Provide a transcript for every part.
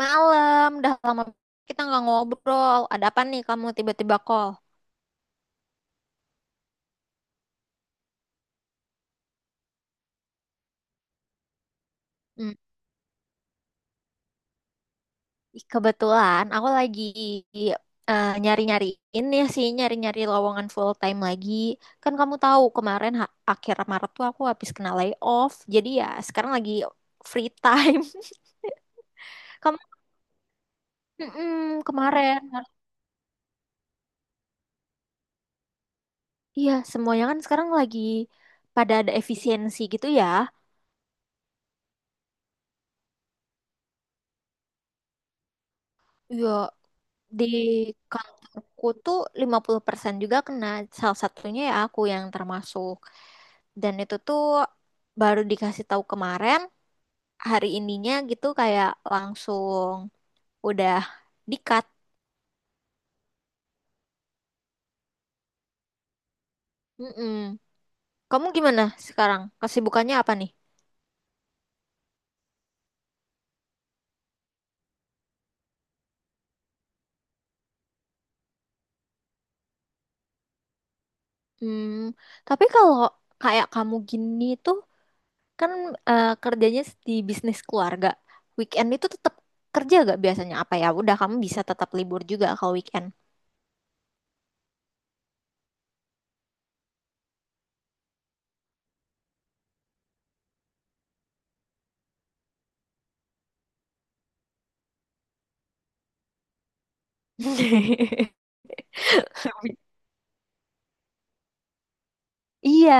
Malam, udah lama kita nggak ngobrol. Ada apa nih kamu tiba-tiba call? Hmm, kebetulan aku lagi nyari-nyari ini sih, nyari-nyari lowongan full time lagi. Kan kamu tahu kemarin akhir Maret tuh aku habis kena layoff. Jadi ya sekarang lagi free time. Kamu. Mm-mm, kemarin, iya semuanya kan sekarang lagi pada ada efisiensi gitu ya. Iya. Di kantorku tuh 50% juga kena. Salah satunya ya aku yang termasuk. Dan itu tuh baru dikasih tahu kemarin, hari ininya gitu kayak langsung udah di-cut. Mm-mm. Kamu gimana sekarang? Kesibukannya apa nih? Hmm, tapi kalau kayak kamu gini tuh kan kerjanya di bisnis keluarga. Weekend itu tetap kerja gak biasanya apa ya? Udah kamu bisa tetap libur juga kalau weekend. Iya.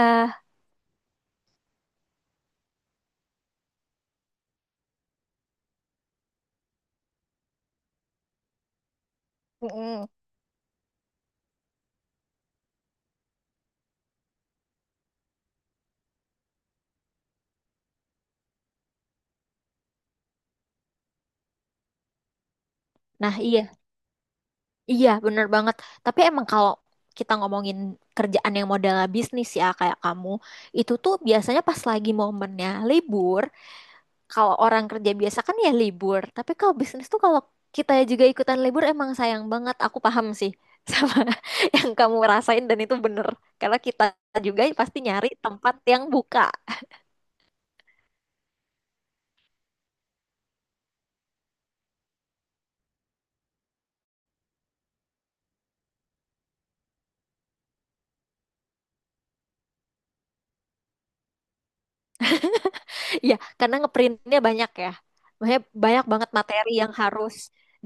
Mm-mm. Nah, iya. Iya, bener banget. Tapi emang kalau kita ngomongin kerjaan yang modelnya bisnis ya, kayak kamu, itu tuh biasanya pas lagi momennya libur, kalau orang kerja biasa kan ya libur. Tapi kalau bisnis tuh kalau kita juga ikutan libur emang sayang banget. Aku paham sih sama yang kamu rasain dan itu bener. Karena kita juga pasti nyari tempat yang buka. Iya, karena ngeprintnya banyak ya. Maksudnya banyak banget materi yang harus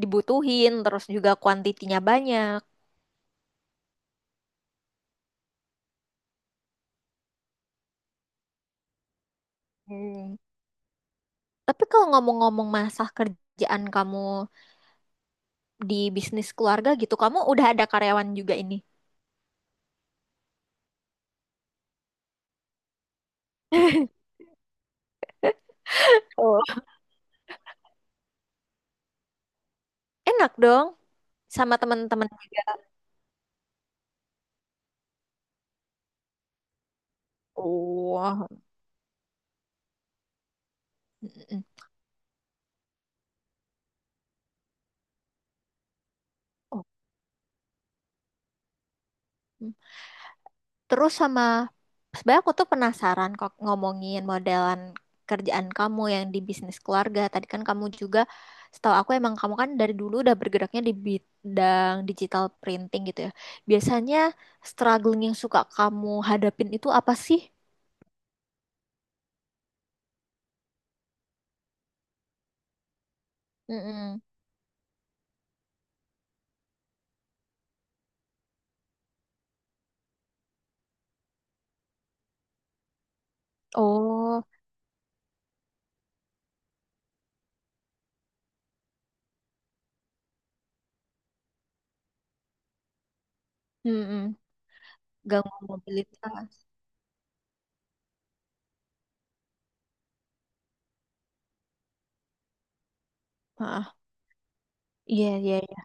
dibutuhin, terus juga kuantitinya banyak. Hmm. Tapi kalau ngomong-ngomong masalah kerjaan kamu di bisnis keluarga gitu, kamu udah ada karyawan juga ini. Oh. Enak dong, sama teman-teman juga. Oh. Mm-mm. Oh. Terus sama sebenarnya aku tuh penasaran kok ngomongin modelan kerjaan kamu yang di bisnis keluarga. Tadi kan kamu juga setahu aku emang kamu kan dari dulu udah bergeraknya di bidang digital printing gitu ya. Biasanya struggling yang suka kamu hadapin itu apa sih? Mm-mm. Oh, mm-mm. Gangguan mobilitas. Ah, iya iya iya.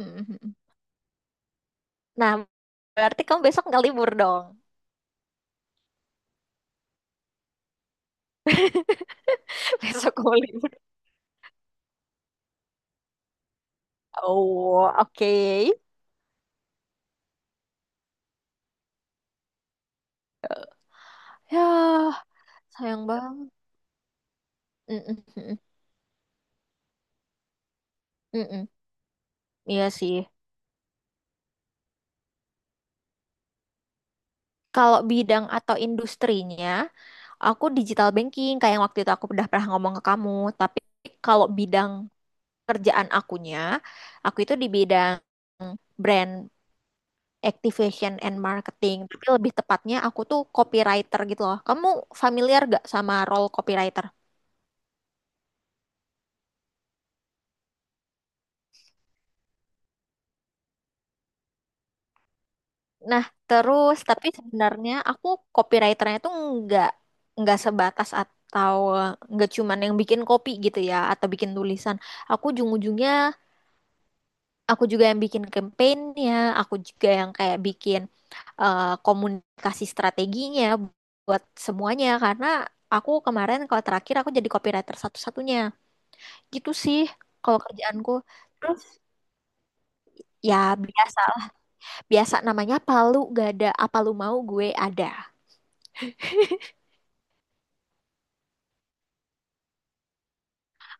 Mm-mm. Nah, berarti kamu besok nggak libur dong? Besok kamu libur. Oh, oke. Ya. Sayang banget. Mm-mm, mm-mm, mm-mm. Iya sih. Kalau bidang atau industrinya, aku digital banking kayak yang waktu itu aku udah pernah ngomong ke kamu. Tapi kalau bidang kerjaan akunya, aku itu di bidang brand activation and marketing. Tapi lebih tepatnya aku tuh copywriter gitu loh. Kamu familiar gak sama role copywriter? Nah, terus tapi sebenarnya aku copywriternya tuh nggak nggak sebatas atau nggak cuman yang bikin kopi gitu ya atau bikin tulisan. Aku ujung-ujungnya aku juga yang bikin campaign-nya, aku juga yang kayak bikin komunikasi strateginya buat semuanya karena aku kemarin kalau terakhir aku jadi copywriter satu-satunya. Gitu sih kalau kerjaanku. Terus ya biasa biasa namanya palu gak ada apa lu mau gue ada.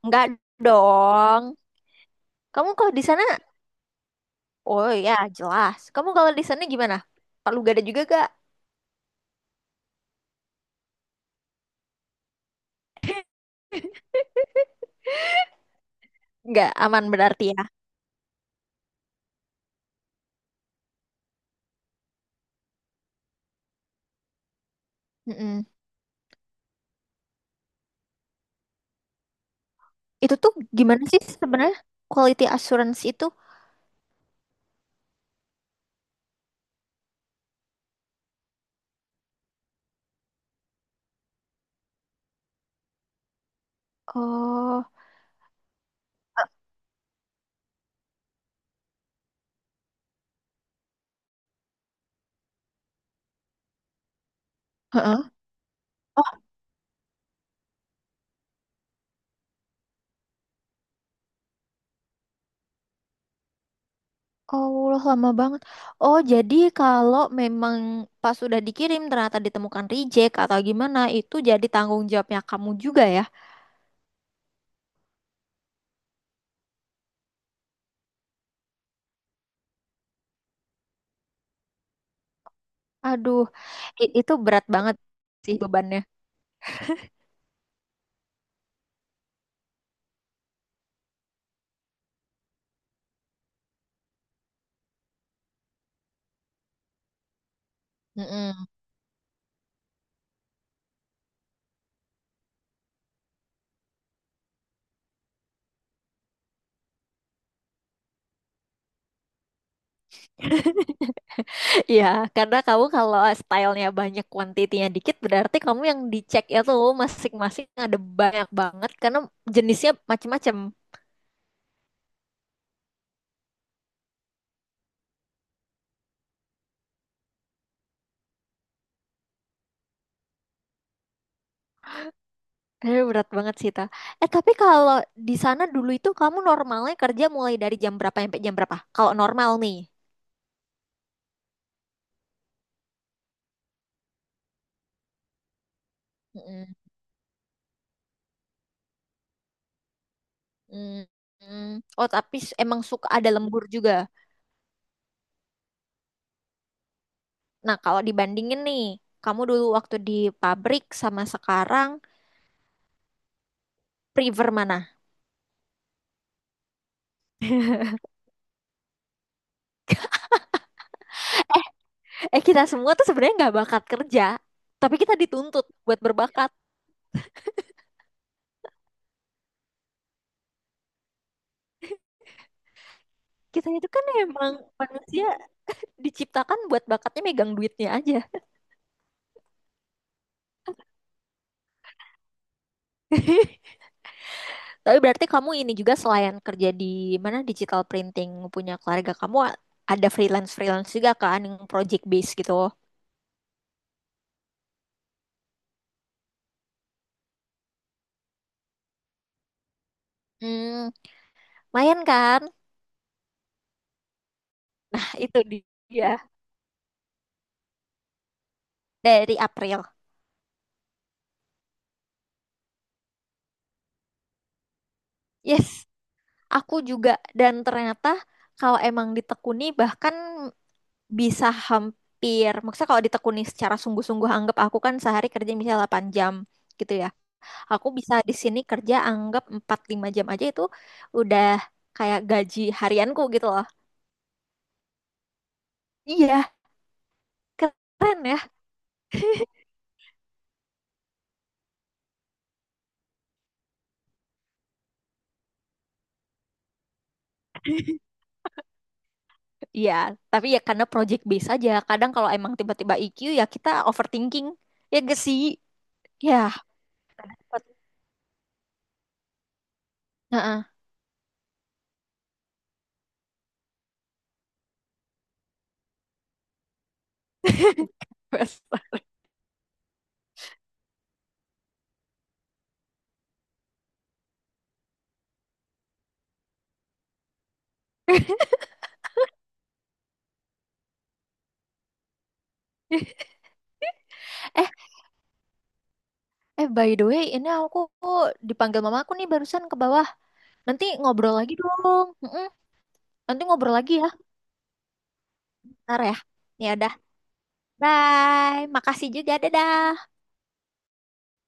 Enggak dong. Kamu kalau di sana, oh ya jelas. Kamu kalau di sana gimana? Palu gada juga gak? Nggak aman berarti ya. Mm-mm. Itu tuh gimana sih sebenarnya quality assurance itu? Oh, heeh. Oh, Allah lama banget. Oh, jadi kalau memang pas sudah dikirim ternyata ditemukan reject atau gimana, itu jadi tanggung jawabnya kamu juga ya? Aduh, itu berat banget sih bebannya. Mm-mm. Iya, karena kamu kalau stylenya banyak, kuantitinya dikit, berarti kamu yang dicek itu masing-masing ada banyak banget karena jenisnya macem-macem. Aduh, berat banget sih, Ta. Eh, tapi kalau di sana dulu itu kamu normalnya kerja mulai dari jam berapa sampai jam berapa? Kalau normal nih. Mm-mm. Mm-mm. Oh, tapi emang suka ada lembur juga. Nah, kalau dibandingin nih, kamu dulu waktu di pabrik sama sekarang, prefer mana? Eh, kita semua tuh sebenarnya nggak bakat kerja, tapi kita dituntut buat berbakat. Kita itu kan emang manusia diciptakan buat bakatnya megang duitnya aja. Tapi berarti kamu ini juga selain kerja di mana digital printing punya keluarga kamu ada freelance-freelance juga kan yang project base gitu. Hmm, lumayan kan? Nah, itu dia dari April. Yes, aku juga, dan ternyata kalau emang ditekuni bahkan bisa hampir, maksudnya kalau ditekuni secara sungguh-sungguh, anggap aku kan sehari kerja misalnya 8 jam gitu ya, aku bisa di sini kerja anggap 4-5 jam aja, itu udah kayak gaji harianku gitu loh. Iya, keren ya. Iya, tapi ya karena project base aja, kadang kalau emang tiba-tiba IQ ya kita overthinking, ya gak sih ya. Heeh. Eh, eh by the way, ini aku dipanggil mamaku nih barusan ke bawah. Nanti ngobrol lagi dong. Mm-mm. Nanti ngobrol lagi ya, ntar ya. Ya udah, bye. Makasih juga, dadah.